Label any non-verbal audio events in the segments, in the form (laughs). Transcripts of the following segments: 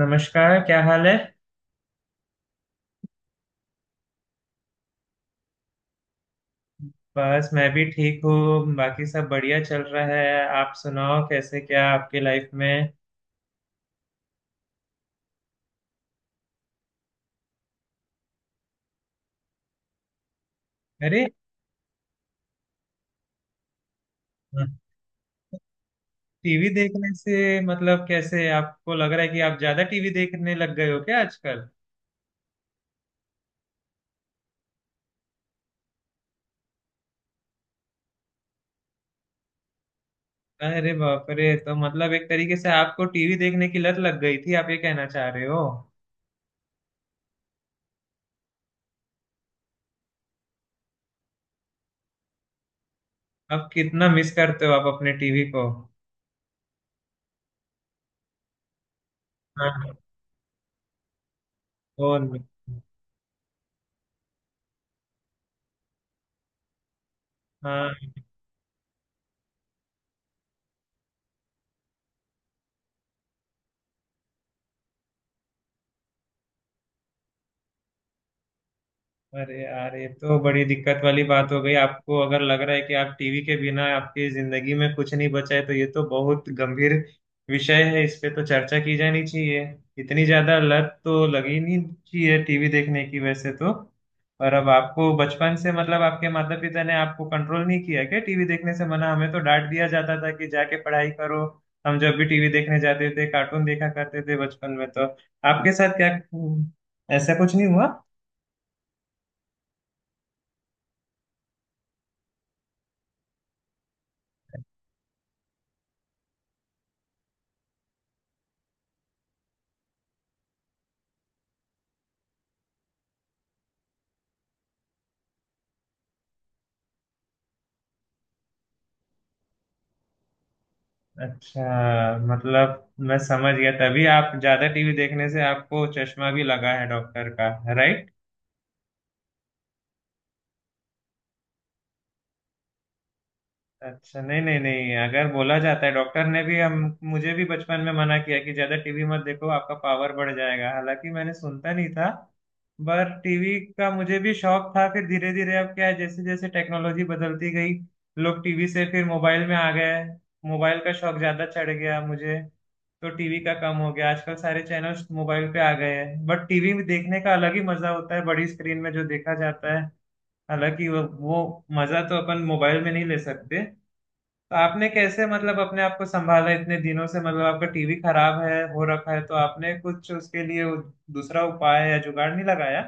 नमस्कार। क्या हाल है? बस मैं भी ठीक हूँ। बाकी सब बढ़िया चल रहा है। आप सुनाओ, कैसे क्या आपके लाइफ में। अरे। टीवी देखने से मतलब? कैसे आपको लग रहा है कि आप ज्यादा टीवी देखने लग गए हो क्या आजकल? अरे बाप रे! तो मतलब एक तरीके से आपको टीवी देखने की लत लग गई थी, आप ये कहना चाह रहे हो? अब कितना मिस करते हो आप अपने टीवी को? हाँ। फोन में। हाँ। अरे यार, ये तो बड़ी दिक्कत वाली बात हो गई। आपको अगर लग रहा है कि आप टीवी के बिना आपकी जिंदगी में कुछ नहीं बचा है तो ये तो बहुत गंभीर विषय है, इस पे तो चर्चा की जानी चाहिए। इतनी ज्यादा लत तो लगी नहीं चाहिए टीवी देखने की वैसे तो। पर अब आपको बचपन से मतलब आपके माता पिता ने आपको कंट्रोल नहीं किया क्या टीवी देखने से मना? हमें तो डांट दिया जाता था कि जाके पढ़ाई करो। हम जब भी टीवी देखने जाते थे कार्टून देखा करते थे बचपन में तो। आपके साथ क्या ऐसा कुछ नहीं हुआ? अच्छा मतलब मैं समझ गया। तभी आप ज्यादा टीवी देखने से आपको चश्मा भी लगा है डॉक्टर का। राइट? अच्छा, नहीं नहीं नहीं, अगर बोला जाता है डॉक्टर ने भी, हम मुझे भी बचपन में मना किया कि ज्यादा टीवी मत देखो आपका पावर बढ़ जाएगा, हालांकि मैंने सुनता नहीं था। पर टीवी का मुझे भी शौक था। फिर धीरे धीरे अब क्या है जैसे जैसे टेक्नोलॉजी बदलती गई लोग टीवी से फिर मोबाइल में आ गए। मोबाइल का शौक ज्यादा चढ़ गया मुझे, तो टीवी का कम हो गया। आजकल सारे चैनल्स मोबाइल पे आ गए हैं बट टीवी में देखने का अलग ही मजा होता है, बड़ी स्क्रीन में जो देखा जाता है। हालांकि वो मजा तो अपन मोबाइल में नहीं ले सकते। तो आपने कैसे मतलब अपने आप को संभाला इतने दिनों से? मतलब आपका टीवी खराब है हो रखा है, तो आपने कुछ उसके लिए दूसरा उपाय या जुगाड़ नहीं लगाया?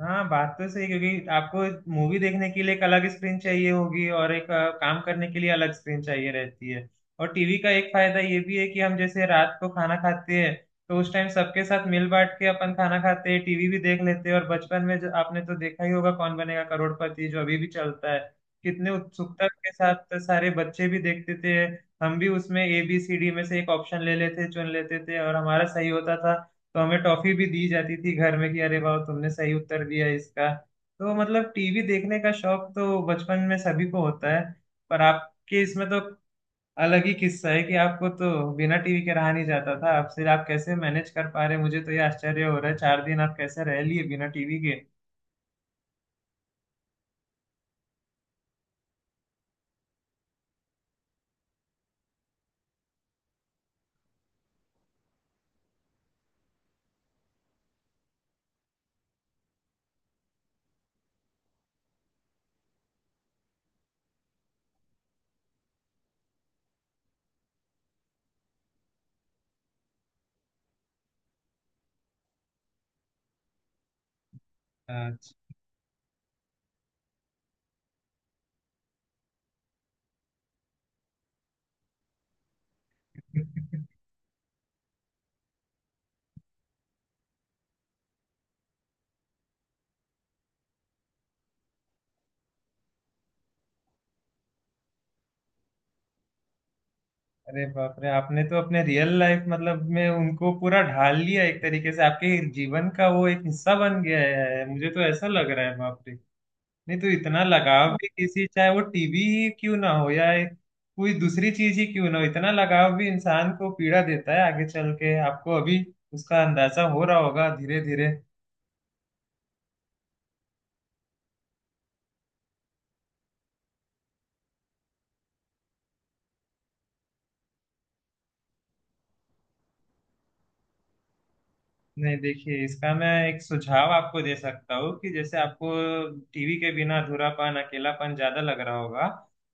हाँ, बात तो सही है, क्योंकि आपको मूवी देखने के लिए एक अलग स्क्रीन चाहिए होगी और एक काम करने के लिए अलग स्क्रीन चाहिए रहती है। और टीवी का एक फायदा ये भी है कि हम जैसे रात को खाना खाते हैं तो उस टाइम सबके साथ मिल बांट के अपन खाना खाते हैं, टीवी भी देख लेते हैं। और बचपन में जो आपने तो देखा ही होगा, कौन बनेगा करोड़पति जो अभी भी चलता है, कितने उत्सुकता के साथ सारे बच्चे भी देखते थे। हम भी उसमें ए बी सी डी में से एक ऑप्शन ले लेते, चुन लेते थे और हमारा सही होता था। तो हमें टॉफी भी दी जाती थी घर में कि अरे वाह, तुमने सही उत्तर दिया इसका। तो मतलब टीवी देखने का शौक तो बचपन में सभी को होता है। पर आपके इसमें तो अलग ही किस्सा है कि आपको तो बिना टीवी के रहा नहीं जाता था आपसे। आप कैसे मैनेज कर पा रहे? मुझे तो ये आश्चर्य हो रहा है, 4 दिन आप कैसे रह लिए बिना टीवी के? अच्छा। (laughs) अरे बाप रे! आपने तो अपने रियल लाइफ मतलब में उनको पूरा ढाल लिया एक तरीके से, आपके जीवन का वो एक हिस्सा बन गया है, मुझे तो ऐसा लग रहा है बाप रे। नहीं तो इतना लगाव भी किसी, चाहे वो टीबी ही क्यों ना हो या कोई दूसरी चीज ही क्यों ना हो, इतना लगाव भी इंसान को पीड़ा देता है आगे चल के। आपको अभी उसका अंदाजा हो रहा होगा धीरे धीरे। नहीं देखिए, इसका मैं एक सुझाव आपको दे सकता हूँ कि जैसे आपको टीवी के बिना अधूरापन, अकेलापन ज्यादा लग रहा होगा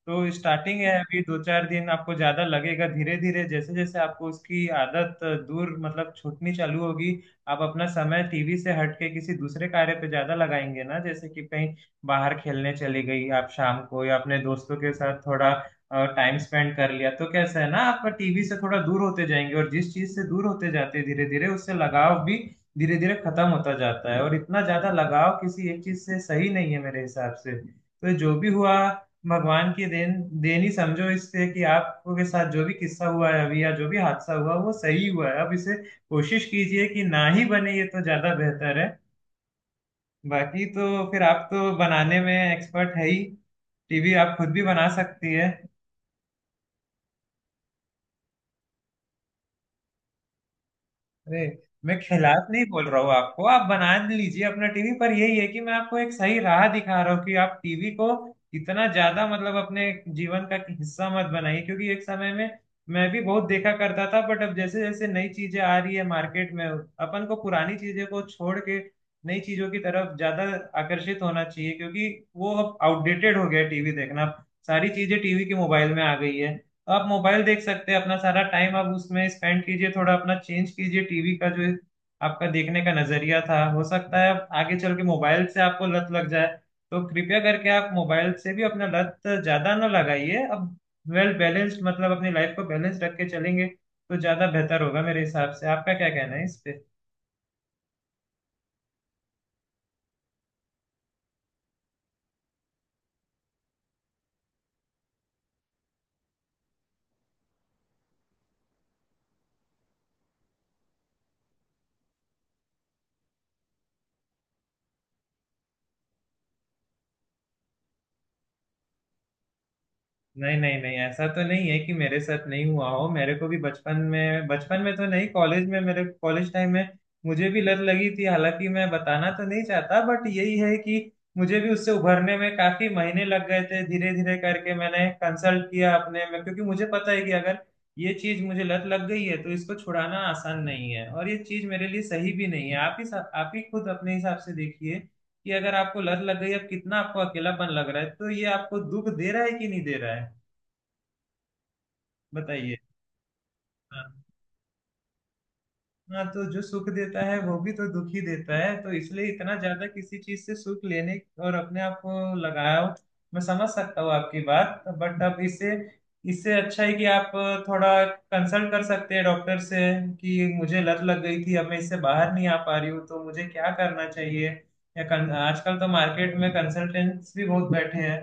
तो स्टार्टिंग है अभी, दो चार दिन आपको ज्यादा लगेगा। धीरे धीरे जैसे जैसे आपको उसकी आदत दूर मतलब छूटनी चालू होगी, आप अपना समय टीवी से हट के किसी दूसरे कार्य पे ज्यादा लगाएंगे ना, जैसे कि कहीं बाहर खेलने चली गई आप शाम को, या अपने दोस्तों के साथ थोड़ा टाइम स्पेंड कर लिया तो कैसा है ना, आप टीवी से थोड़ा दूर होते जाएंगे और जिस चीज से दूर होते जाते हैं धीरे धीरे उससे लगाव भी धीरे धीरे खत्म होता जाता है। और इतना ज्यादा लगाव किसी एक चीज से सही नहीं है मेरे हिसाब से। तो जो भी हुआ भगवान की देन, देन ही समझो इससे, कि आपके साथ जो भी किस्सा हुआ है अभी या जो भी हादसा हुआ वो सही हुआ है। अब इसे कोशिश कीजिए कि ना ही बने, ये तो ज्यादा बेहतर है। बाकी तो फिर आप तो बनाने में एक्सपर्ट है ही, टीवी आप खुद भी बना सकती है। अरे, मैं खिलाफ नहीं बोल रहा हूँ आपको। आप बना लीजिए अपना टीवी, पर यही है कि मैं आपको एक सही राह दिखा रहा हूँ कि आप टीवी को इतना ज्यादा मतलब अपने जीवन का हिस्सा मत बनाइए, क्योंकि एक समय में मैं भी बहुत देखा करता था, बट अब जैसे जैसे नई चीजें आ रही है मार्केट में अपन को पुरानी चीजें को छोड़ के नई चीजों की तरफ ज्यादा आकर्षित होना चाहिए, क्योंकि वो अब आउटडेटेड हो गया टीवी देखना। सारी चीजें टीवी के मोबाइल में आ गई है, आप मोबाइल देख सकते हैं। अपना सारा टाइम आप उसमें स्पेंड कीजिए, थोड़ा अपना चेंज कीजिए टीवी का जो आपका देखने का नजरिया था। हो सकता है आप आगे चल के मोबाइल से आपको लत लग जाए, तो कृपया करके आप मोबाइल से भी अपना लत ज्यादा ना लगाइए। अब वेल बैलेंस्ड मतलब अपनी लाइफ को बैलेंस रख के चलेंगे तो ज्यादा बेहतर होगा मेरे हिसाब से। आपका क्या कहना है इस पे? नहीं नहीं नहीं, ऐसा तो नहीं है कि मेरे साथ नहीं हुआ हो। मेरे को भी बचपन में, बचपन में तो नहीं, कॉलेज में, मेरे कॉलेज टाइम में मुझे भी लत लगी थी, हालांकि मैं बताना तो नहीं चाहता, बट यही है कि मुझे भी उससे उभरने में काफी महीने लग गए थे। धीरे धीरे करके मैंने कंसल्ट किया अपने में, क्योंकि मुझे पता है कि अगर ये चीज मुझे लत लग गई है तो इसको छुड़ाना आसान नहीं है और ये चीज मेरे लिए सही भी नहीं है। आप ही खुद अपने हिसाब से देखिए कि अगर आपको लत लग गई है, कितना आपको अकेलापन लग रहा है, तो ये आपको दुख दे रहा है कि नहीं दे रहा है, बताइए। हाँ। हाँ, तो जो सुख देता है वो भी तो दुख ही देता है, तो इसलिए इतना ज्यादा किसी चीज से सुख लेने और अपने आप को लगाया हो। मैं समझ सकता हूँ आपकी बात, बट अब इससे इससे अच्छा है कि आप थोड़ा कंसल्ट कर सकते हैं डॉक्टर से कि मुझे लत लग गई थी, अब मैं इससे बाहर नहीं आ पा रही हूँ, तो मुझे क्या करना चाहिए। या आजकल तो मार्केट में कंसल्टेंट्स भी बहुत बैठे हैं।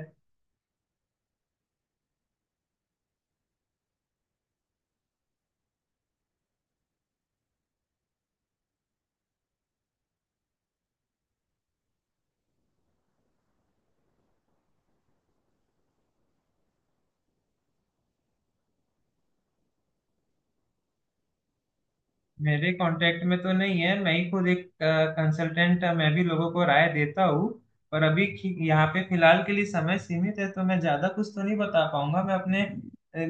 मेरे कांटेक्ट में तो नहीं है, मैं ही खुद एक कंसल्टेंट, मैं भी लोगों को राय देता हूँ। पर अभी यहाँ पे फिलहाल के लिए समय सीमित है, तो मैं ज्यादा कुछ तो नहीं बता पाऊंगा।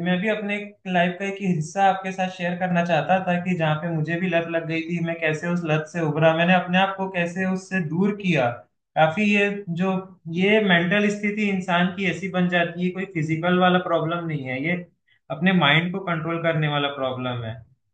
मैं भी अपने लाइफ का एक हिस्सा आपके साथ शेयर करना चाहता था, कि जहाँ पे मुझे भी लत लग गई थी, मैं कैसे उस लत से उभरा, मैंने अपने आप को कैसे उससे दूर किया। काफी जो ये मेंटल स्थिति इंसान की ऐसी बन जाती है, कोई फिजिकल वाला प्रॉब्लम नहीं है ये, अपने माइंड को कंट्रोल करने वाला प्रॉब्लम है।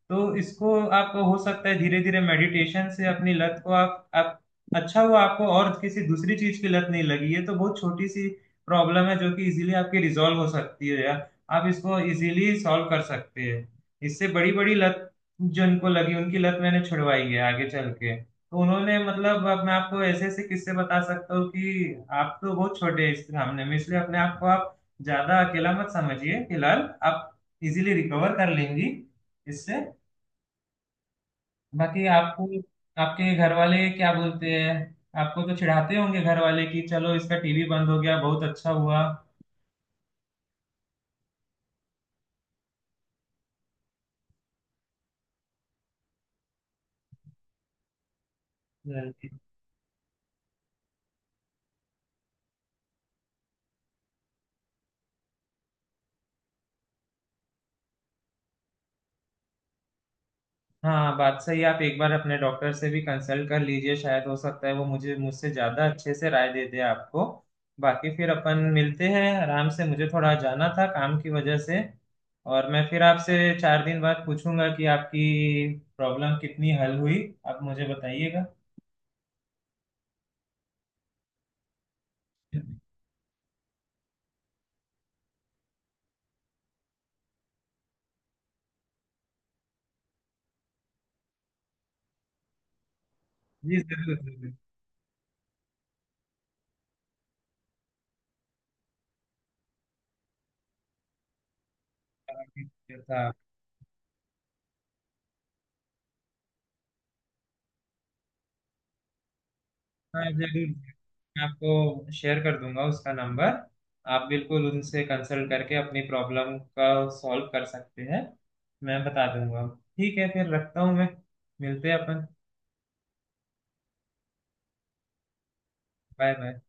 तो इसको आप हो सकता है धीरे धीरे मेडिटेशन से अपनी लत को आप। अच्छा हुआ आपको और किसी दूसरी चीज की लत नहीं लगी, ये तो बहुत छोटी सी प्रॉब्लम है, जो कि इजीली आपकी रिजॉल्व हो सकती है, या आप इसको इजीली सॉल्व कर सकते हैं। इससे बड़ी बड़ी लत जो इनको लगी, उनकी लत मैंने छुड़वाई है आगे चल के, तो उन्होंने मतलब, अब मैं आपको ऐसे ऐसे किस्से बता सकता हूँ कि आप तो बहुत छोटे हैं इस सामने में। इसलिए अपने आप को आप ज्यादा अकेला मत समझिए, फिलहाल आप इजीली रिकवर कर लेंगी इससे। बाकी आपको आपके घर वाले क्या बोलते हैं? आपको तो चिढ़ाते होंगे घर वाले कि चलो इसका टीवी बंद हो गया, बहुत अच्छा हुआ। हम्म। हाँ बात सही, आप एक बार अपने डॉक्टर से भी कंसल्ट कर लीजिए, शायद हो सकता है वो मुझे मुझसे ज्यादा अच्छे से राय दे दे आपको। बाकी फिर अपन मिलते हैं आराम से, मुझे थोड़ा जाना था काम की वजह से। और मैं फिर आपसे 4 दिन बाद पूछूंगा कि आपकी प्रॉब्लम कितनी हल हुई, आप मुझे बताइएगा। जी जरूर जरूर। था। हाँ जरूर, मैं आपको शेयर कर दूंगा उसका नंबर। आप बिल्कुल उनसे कंसल्ट करके अपनी प्रॉब्लम का सॉल्व कर सकते हैं, मैं बता दूंगा। ठीक है फिर, रखता हूँ मैं। मिलते हैं अपन। Bye bye.